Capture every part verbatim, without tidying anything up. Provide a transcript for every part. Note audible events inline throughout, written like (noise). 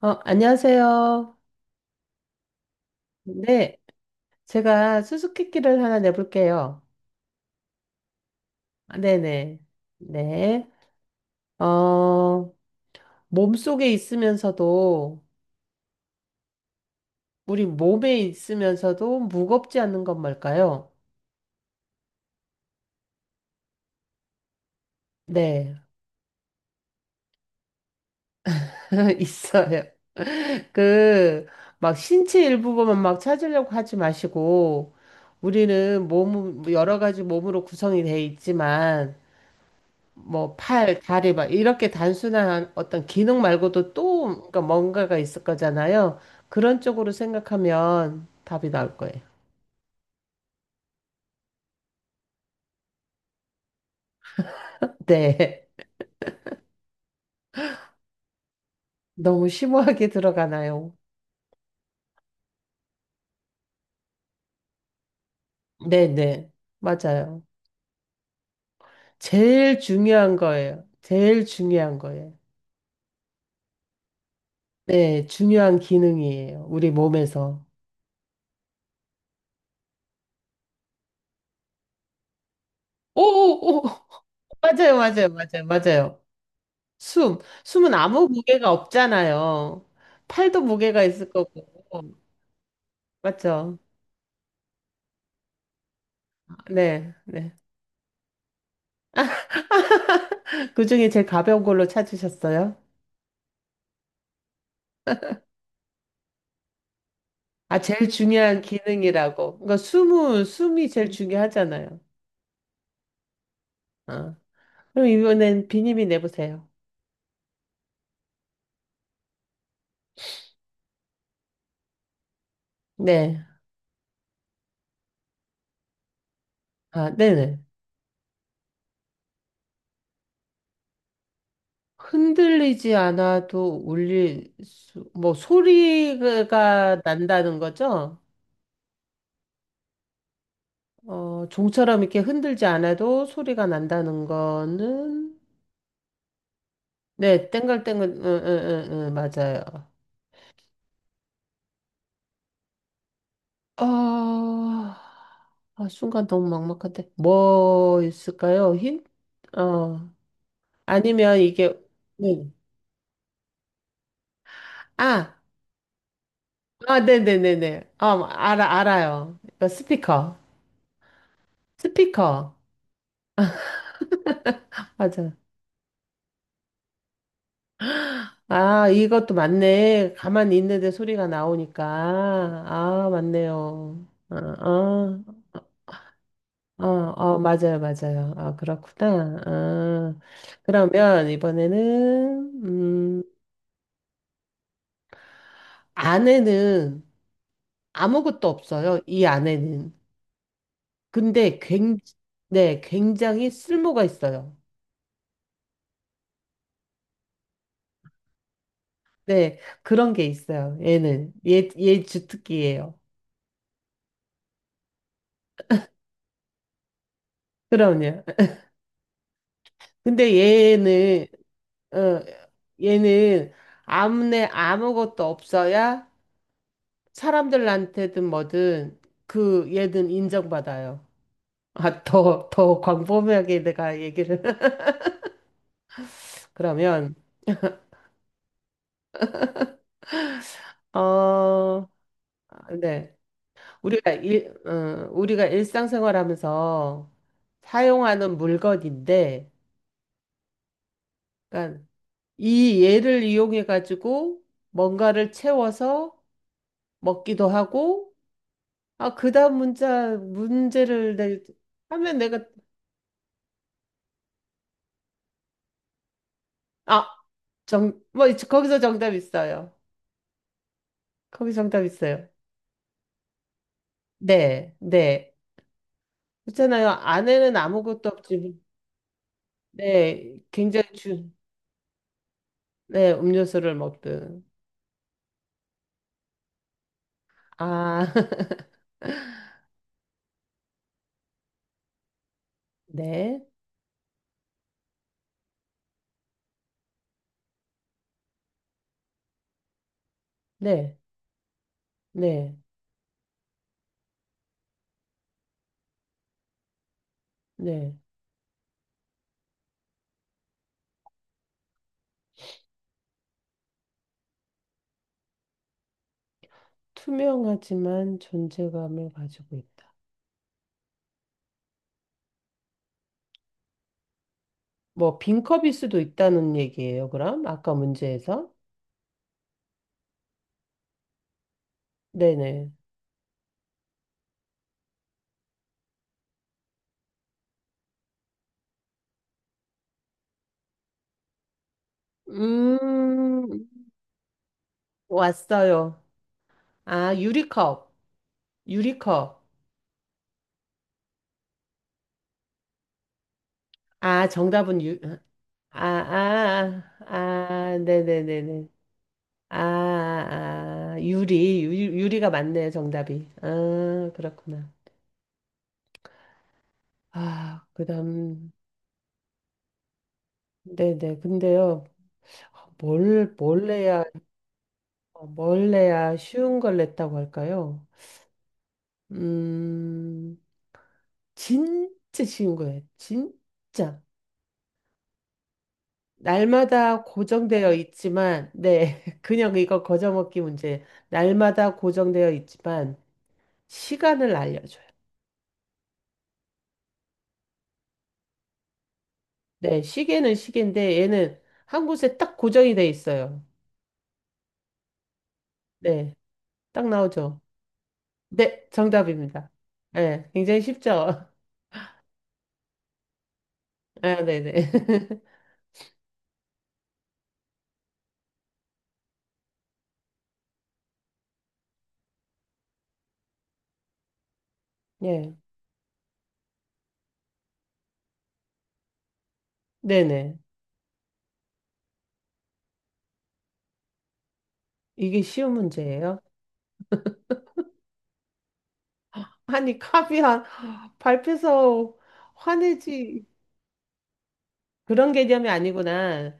어, 안녕하세요. 네, 제가 수수께끼를 하나 내볼게요. 아, 네네. 네. 어, 몸속에 있으면서도, 우리 몸에 있으면서도 무겁지 않는 건 뭘까요? 네, (laughs) 있어요. 그, 막 신체 일부분만 막 찾으려고 하지 마시고, 우리는 몸, 여러 가지 몸으로 구성이 돼 있지만, 뭐 팔, 다리 막 이렇게 단순한 어떤 기능 말고도 또 그러니까 뭔가가 있을 거잖아요. 그런 쪽으로 생각하면 답이 나올 거예요. 네. (laughs) 너무 심오하게 들어가나요? 네네. 맞아요. 제일 중요한 거예요. 제일 중요한 거예요. 네, 중요한 기능이에요. 우리 몸에서. 오오오. 맞아요, 맞아요, 맞아요, 맞아요. 숨. 숨은 아무 무게가 없잖아요. 팔도 무게가 있을 거고. 맞죠? 네, 네. 그중에 제일 가벼운 걸로 찾으셨어요? 아, 제일 중요한 기능이라고. 그러니까 숨은 숨이 제일 중요하잖아요. 아, 그럼 이번엔 비님이 내보세요. 네, 아, 네네. 흔들리지 않아도 울릴 수, 뭐 소리가 난다는 거죠? 어, 종처럼 이렇게 흔들지 않아도 소리가 난다는 거는 네, 땡글땡글, 응, 응, 응, 응, 맞아요. 아, 아, 순간 너무 막막한데. 뭐 있을까요? 힌? 어. 아니면 이게, 네. 아, 아, 네네네네. 어, 알아, 알아요. 이거 스피커. 스피커. 맞아. 아, 이것도 맞네. 가만히 있는데 소리가 나오니까. 아, 맞네요. 아, 아, 아 어, 맞아요, 맞아요. 아, 그렇구나. 아, 그러면 이번에는, 음, 아내는 아무것도 없어요, 이 안에는. 근데 굉, 네, 굉장히 쓸모가 있어요. 네, 그런 게 있어요, 얘는. 얘, 얘 주특기예요. 그럼요. 근데 얘는, 어, 얘는 아무네 아무것도 없어야 사람들한테든 뭐든 그 얘는 인정받아요. 아, 더, 더 광범위하게 내가 얘기를. (laughs) 그러면, 어, 네. 우리가 일, 어, 우리가 일상생활하면서 사용하는 물건인데, 그러니까 이 얘를 이용해 가지고 뭔가를 채워서 먹기도 하고, 아, 그다음 문자 문제를 내, 하면 내가 아, 정, 뭐 거기서 정답 있어요. 거기 정답 있어요. 네, 네. 그렇잖아요. 안에는 아무것도 없지. 네, 굉장히 주, 네, 음료수를 먹든. 아, (laughs) 네, 네. 네, 네. 투명하지만 존재감을 가지고 있다. 뭐, 빈컵일 수도 있다는 얘기예요, 그럼? 아까 문제에서? 네네. 음, 왔어요. 아, 유리컵. 유리컵. 아, 정답은 유, 아, 아, 아, 아, 네네네네. 아, 아, 아, 유리, 유리, 유리가 맞네요, 정답이. 아, 그렇구나. 아, 그 다음, 네네. 근데요. 뭘, 뭘 해야 어, 뭘 내야 쉬운 걸 냈다고 할까요? 음, 진짜 쉬운 거예요. 진짜. 날마다 고정되어 있지만, 네, (laughs) 그냥 이거 거저먹기 문제. 날마다 고정되어 있지만, 시간을 알려줘요. 네, 시계는 시계인데, 얘는 한 곳에 딱 고정이 돼 있어요. 네, 딱 나오죠. 네, 정답입니다. 네, 굉장히 쉽죠? (laughs) 아, 네네. (laughs) 네, 네네. 이게 쉬운 문제예요. 아니, 카이한 밟혀서 화내지. 그런 개념이 아니구나.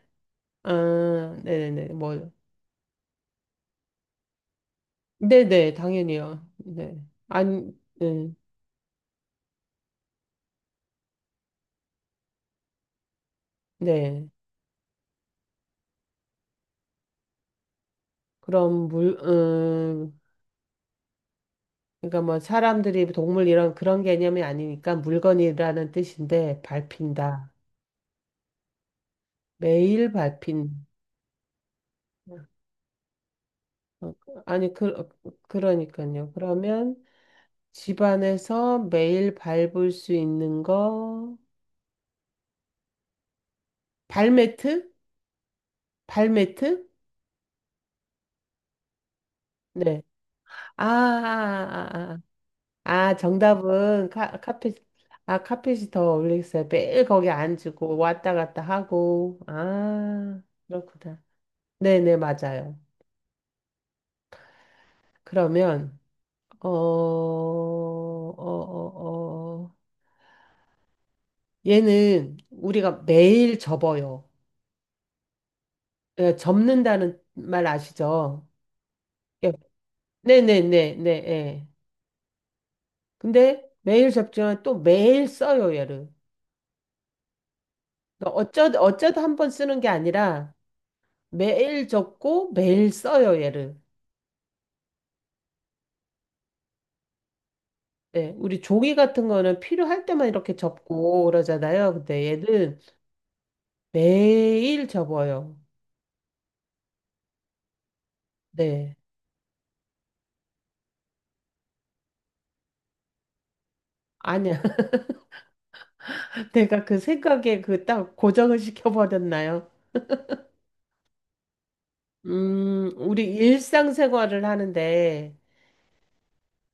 아, 네네네. 뭐, 네네, 당연히요. 네. 아니, 네. 네. 그럼 물, 음, 그러니까 뭐 사람들이 동물 이런 그런 개념이 아니니까 물건이라는 뜻인데 밟힌다. 매일 밟힌. 어, 아니, 그, 그러니까요. 그러면 집 안에서 매일 밟을 수 있는 거, 발매트? 발매트? 네. 아, 아, 아, 아. 아, 정답은 카, 카펫, 아, 카펫이 더 어울리겠어요. 매일 거기 앉고 왔다 갔다 하고. 아, 그렇구나. 네네, 맞아요. 그러면, 어, 어, 어, 어. 얘는 우리가 매일 접어요. 예, 접는다는 말 아시죠? 예. 네네네네, 예. 근데 매일 접지만 또 매일 써요, 얘를. 그러니까 어쩌다, 어쩌다 한 번 쓰는 게 아니라 매일 접고 매일 써요, 얘를. 네, 우리 종이 같은 거는 필요할 때만 이렇게 접고 그러잖아요. 근데 얘는 매일 접어요. 네. 아니야. (laughs) 내가 그 생각에 그 딱 고정을 시켜버렸나요? 음, 우리 일상생활을 하는데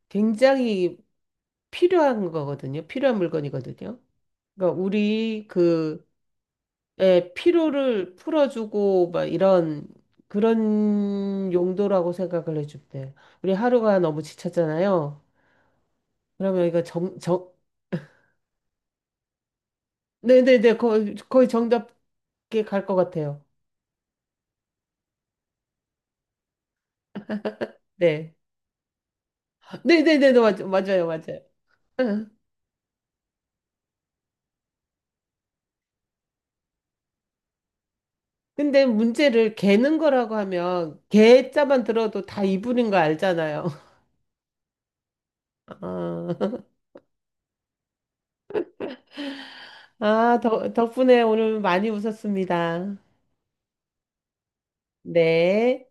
굉장히 필요한 거거든요. 필요한 물건이거든요. 그러니까 우리 그 예, 피로를 풀어주고 막 이런 그런 용도라고 생각을 해주면 돼요. 우리 하루가 너무 지쳤잖아요. 그러면 이거 정, 정, 네네네, 거의, 거의 정답게 갈 것 같아요. 네. 네네네, 맞, 맞아요, 맞아요. (laughs) 응. 근데 문제를 개는 거라고 하면 개 자만 들어도 다 이분인 거 알잖아요. (laughs) 아, 아, 덕, 덕분에 오늘 많이 웃었습니다. 네.